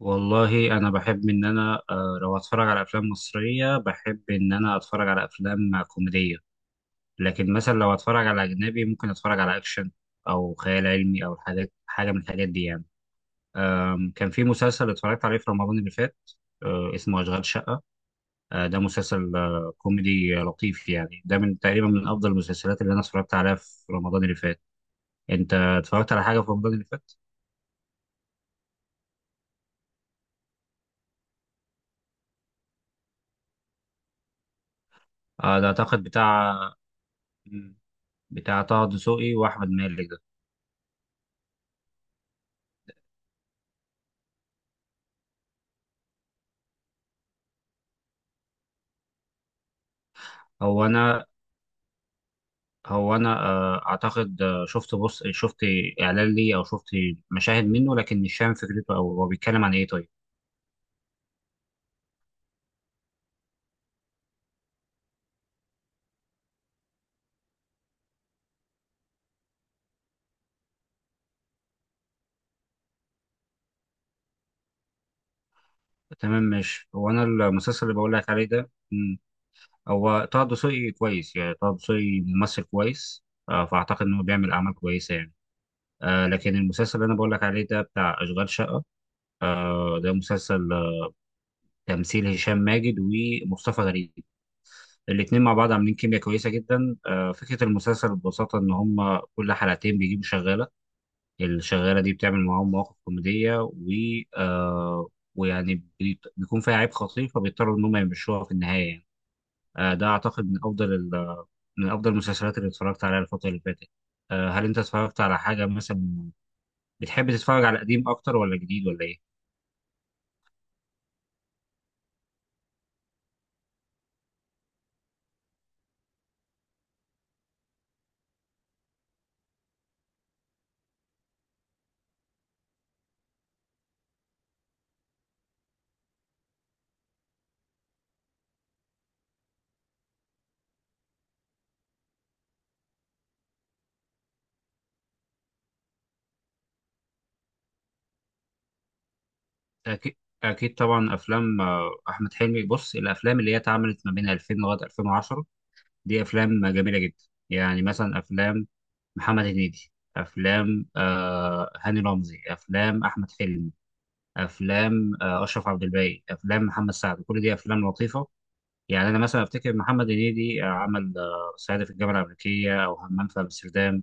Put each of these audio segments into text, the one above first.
والله انا بحب ان انا لو اتفرج على افلام مصريه، بحب ان انا اتفرج على افلام كوميديه. لكن مثلا لو اتفرج على اجنبي ممكن اتفرج على اكشن، او خيال علمي، او حاجه من الحاجات دي يعني. كان في مسلسل اتفرجت عليه في رمضان اللي فات. اسمه اشغال شقه. ده مسلسل كوميدي لطيف، يعني ده من تقريبا من افضل المسلسلات اللي انا اتفرجت عليها في رمضان اللي فات. انت اتفرجت على حاجه في رمضان اللي فات؟ ده اعتقد بتاع، طه دسوقي واحمد مالك ده. هو انا هو انا اعتقد شفت، شفت اعلان ليه، او شفت مشاهد منه، لكن مش فاهم فكرته او هو بيتكلم عن ايه. طيب، تمام. مش، هو انا المسلسل اللي بقول لك عليه ده، هو طه دسوقي كويس، يعني طه دسوقي ممثل كويس، فاعتقد انه بيعمل اعمال كويسه يعني. لكن المسلسل اللي انا بقول لك عليه ده بتاع اشغال شقه. ده مسلسل تمثيل هشام ماجد ومصطفى غريب. الاتنين مع بعض عاملين كيمياء كويسه جدا. فكره المسلسل ببساطه ان هم كل حلقتين بيجيبوا شغاله. الشغاله دي بتعمل معاهم مواقف كوميديه، و آه ويعني بيكون فيها عيب خطير، فبيضطروا ان هم يمشوها في النهايه يعني. ده اعتقد من افضل من افضل المسلسلات اللي اتفرجت عليها الفتره اللي فاتت. هل انت اتفرجت على حاجه مثلا؟ بتحب تتفرج على قديم اكتر ولا جديد ولا ايه؟ اكيد، اكيد طبعا افلام احمد حلمي. بص، الافلام اللي هي اتعملت ما بين 2000 لغايه 2010 دي افلام جميله جدا. يعني مثلا افلام محمد هنيدي، افلام هاني رمزي، افلام احمد حلمي، افلام اشرف عبد الباقي، افلام محمد سعد، كل دي افلام لطيفه. يعني انا مثلا افتكر محمد هنيدي عمل صعيدي في الجامعه الامريكيه، او همام في امستردام،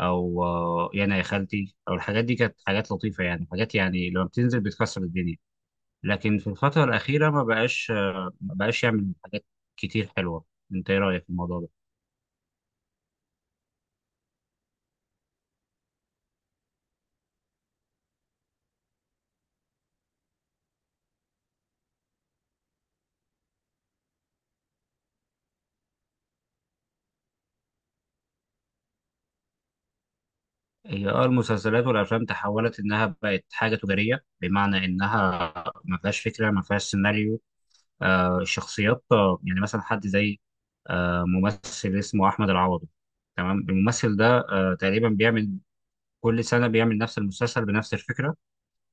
او يانا يا خالتي، او الحاجات دي كانت حاجات لطيفه، يعني حاجات يعني لما بتنزل بتكسر الدنيا. لكن في الفتره الاخيره ما بقاش يعمل حاجات كتير حلوه. انت ايه رايك في الموضوع ده؟ هي اه المسلسلات والافلام تحولت انها بقت حاجه تجاريه، بمعنى انها ما فيهاش فكره، ما فيهاش سيناريو. الشخصيات، يعني مثلا حد زي ممثل اسمه احمد العوضي. تمام، الممثل ده تقريبا بيعمل، كل سنه بيعمل نفس المسلسل بنفس الفكره.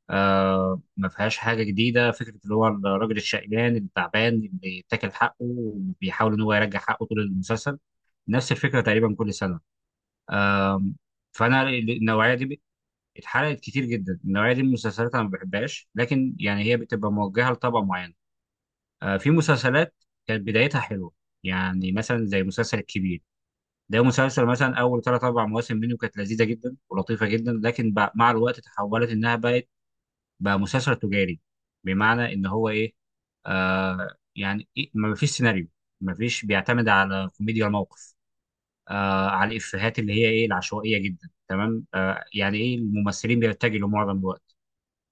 ما فيهاش حاجه جديده. فكره اللي هو الراجل الشقيان التعبان اللي بيتاكل حقه وبيحاول ان هو يرجع حقه طول المسلسل. نفس الفكره تقريبا كل سنه. آه فانا النوعيه دي اتحرقت كتير جدا. النوعيه دي من المسلسلات انا ما بحبهاش، لكن يعني هي بتبقى موجهه لطبقه معينه. في مسلسلات كانت بدايتها حلوه، يعني مثلا زي مسلسل الكبير. ده مسلسل مثلا اول ثلاث اربع مواسم منه كانت لذيذه جدا ولطيفه جدا، لكن مع الوقت تحولت انها بقت، بقى مسلسل تجاري. بمعنى ان هو ايه؟ يعني إيه، ما فيش سيناريو، ما فيش، بيعتمد على كوميديا الموقف، على الافيهات اللي هي ايه العشوائيه جدا. تمام، يعني ايه الممثلين بيتجهوا معظم الوقت.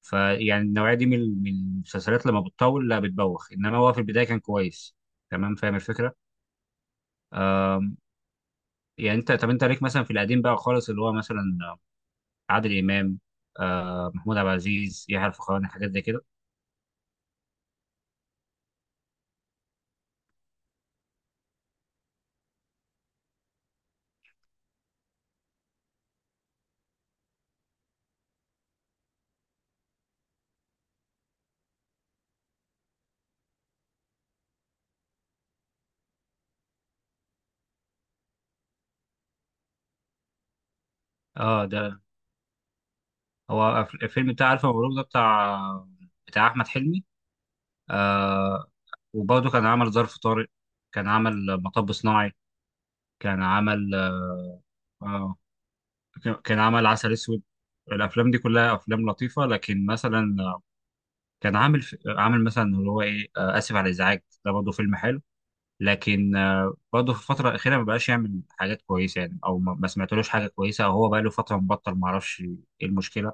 فيعني النوعيه دي من المسلسلات لما بتطول لا بتبوخ، انما هو في البدايه كان كويس. تمام، فاهم الفكره. يعني انت، طب انت ليك مثلا في القديم بقى خالص اللي هو مثلا عادل امام، محمود عبد العزيز، يحيى الفخراني، حاجات زي كده؟ اه ده، هو الفيلم بتاع الف مبروك ده بتاع، احمد حلمي. آه وبرضه كان عمل ظرف طارق. كان عمل مطب صناعي. كان عمل آه كان، عمل عسل اسود. الافلام دي كلها افلام لطيفه. لكن مثلا كان عامل في، عامل مثلا اللي هو ايه اسف على الازعاج، ده برضه فيلم حلو. لكن برضه في الفتره الاخيره ما بقاش يعمل حاجات كويسه يعني، او ما سمعتلوش حاجه كويسه، او هو بقى له فتره مبطل، ما اعرفش ايه المشكله.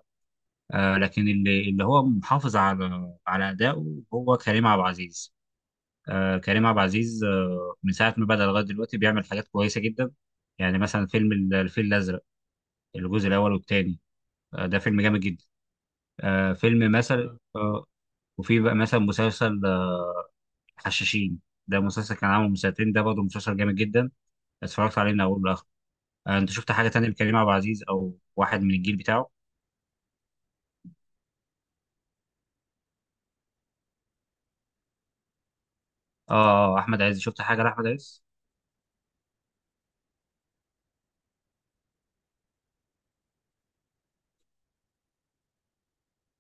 لكن اللي، هو محافظ على، ادائه هو كريم عبد العزيز. كريم عبد العزيز من ساعه ما بدا لغايه دلوقتي بيعمل حاجات كويسه جدا. يعني مثلا فيلم الفيل الازرق، الجزء الاول والثاني. ده فيلم جامد جدا. فيلم مثلا وفي بقى مثلا مسلسل حشاشين. ده مسلسل كان عامل من سنتين، ده برضه مسلسل جامد جدا، اتفرجت عليه من اوله لاخره. انت شفت حاجه تانية لكريم عبد العزيز او واحد من الجيل بتاعه؟ اه، احمد عز، شفت حاجه لاحمد عز؟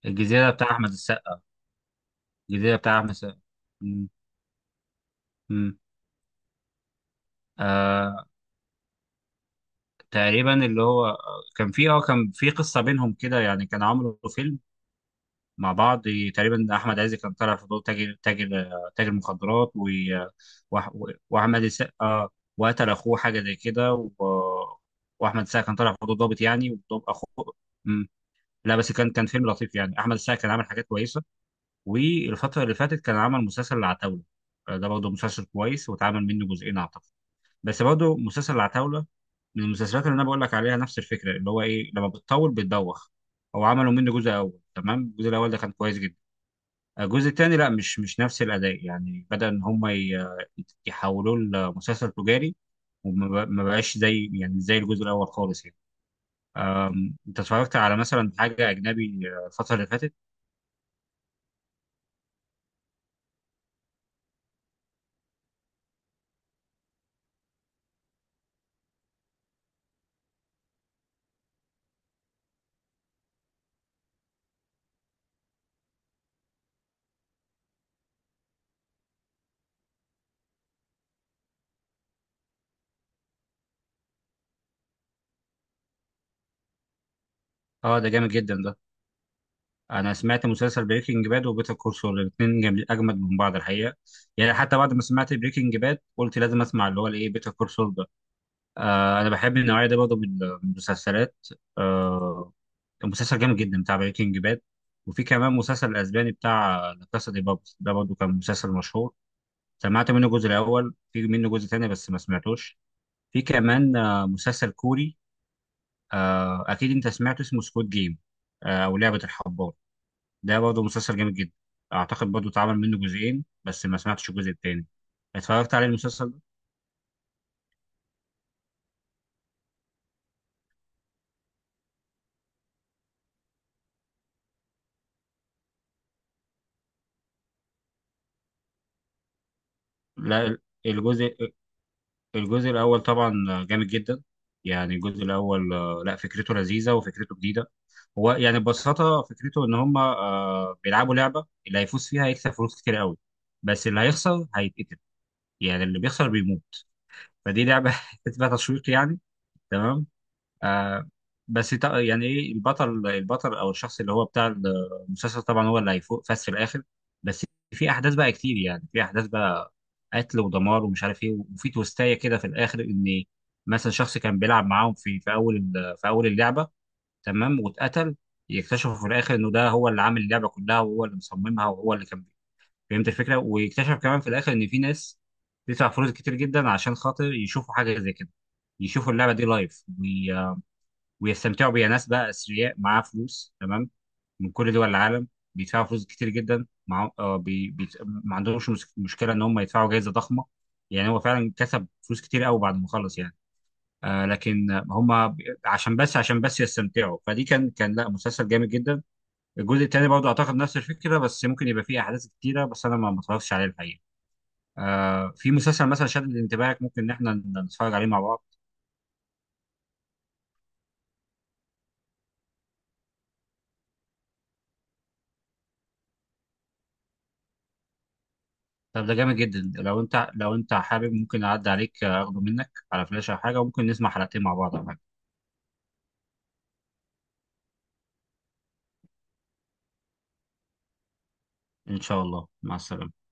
الجزيره بتاع احمد السقا. الجزيره بتاع احمد السقا. مم. مم. آه تقريبا اللي هو كان في اه، كان في قصه بينهم كده يعني، كان عامله فيلم مع بعض. تقريبا احمد عز كان طالع في دور تاجر، تاجر مخدرات، و، و، واحمد السقا، وقتل اخوه حاجه زي كده، و، واحمد السقا كان طالع في دور ضابط، يعني وضابط اخوه. مم. لا بس كان، فيلم لطيف، يعني احمد السقا كان عامل حاجات كويسه. والفتره اللي فاتت كان عمل مسلسل العتاوله. ده برضه مسلسل كويس واتعمل منه جزئين اعتقد. بس برضه مسلسل العتاوله من المسلسلات اللي انا بقول لك عليها نفس الفكره اللي هو ايه لما بتطول بتدوخ. هو عملوا منه جزء اول، تمام. الجزء الاول ده كان كويس جدا. الجزء الثاني لا، مش نفس الاداء. يعني بدا ان هم يحولوه لمسلسل تجاري. ما بقاش زي، يعني زي الجزء الاول خالص يعني. انت اتفرجت على مثلا حاجه اجنبي الفتره اللي فاتت؟ اه ده جامد جدا ده. انا سمعت مسلسل بريكنج باد وبيتر كول سول، الاثنين جامد، اجمد من بعض الحقيقه. يعني حتى بعد ما سمعت بريكنج باد قلت لازم اسمع اللي هو الايه بيتر كول سول ده. انا بحب النوعيه دي برضه من المسلسلات. آه، كان مسلسل جامد جدا بتاع بريكنج باد. وفي كمان مسلسل الاسباني بتاع لا كاسا دي بابل، ده برضه كان مسلسل مشهور. سمعت منه الجزء الاول، في منه جزء تاني بس ما سمعتوش. في كمان مسلسل كوري اكيد انت سمعته، اسمه سكوت جيم او لعبه الحبار. ده برضه مسلسل جامد جدا. اعتقد برضه اتعمل منه جزئين بس ما سمعتش الجزء التاني. اتفرجت على المسلسل ده؟ لا، الجزء، الاول طبعا جامد جدا. يعني الجزء الاول لا فكرته لذيذه وفكرته جديده. هو يعني ببساطة فكرته إن هما بيلعبوا لعبة، اللي هيفوز فيها هيكسب فلوس كتير قوي، بس اللي هيخسر هيتقتل، يعني اللي بيخسر بيموت. فدي لعبة تبقى تشويق يعني. تمام. آه بس يعني إيه، البطل، أو الشخص اللي هو بتاع المسلسل طبعا هو اللي هيفوز في الآخر. بس في أحداث بقى كتير، يعني في أحداث بقى قتل ودمار ومش عارف إيه، وفي توستاية كده في الآخر، إن مثلا شخص كان بيلعب معاهم في أول في أول اللعبة، تمام، واتقتل. يكتشفوا في الاخر انه ده هو اللي عامل اللعبه كلها، وهو اللي مصممها، وهو اللي فهمت الفكره. ويكتشف كمان في الاخر ان في ناس بتدفع فلوس كتير جدا عشان خاطر يشوفوا حاجه زي كده، يشوفوا اللعبه دي لايف، ويستمتعوا بيها. ناس بقى اثرياء معاها فلوس، تمام، من كل دول العالم بيدفعوا فلوس كتير جدا، مع... آه بي... بي... ما عندهمش مشكله ان هم يدفعوا جائزه ضخمه. يعني هو فعلا كسب فلوس كتير قوي بعد ما خلص يعني. لكن هم عشان بس، يستمتعوا. فدي كان، لا مسلسل جامد جدا. الجزء الثاني برضه اعتقد نفس الفكره، بس ممكن يبقى فيه احداث كتيره، بس انا ما اتفرجتش عليه الحقيقه. في مسلسل مثلا شدد انتباهك، ممكن ان احنا نتفرج عليه مع بعض. طب ده جامد جدا. لو انت، حابب، ممكن اعدي عليك اخده منك على فلاش او حاجه، وممكن نسمع حلقتين مع بعض او حاجه. ان شاء الله. مع السلامه.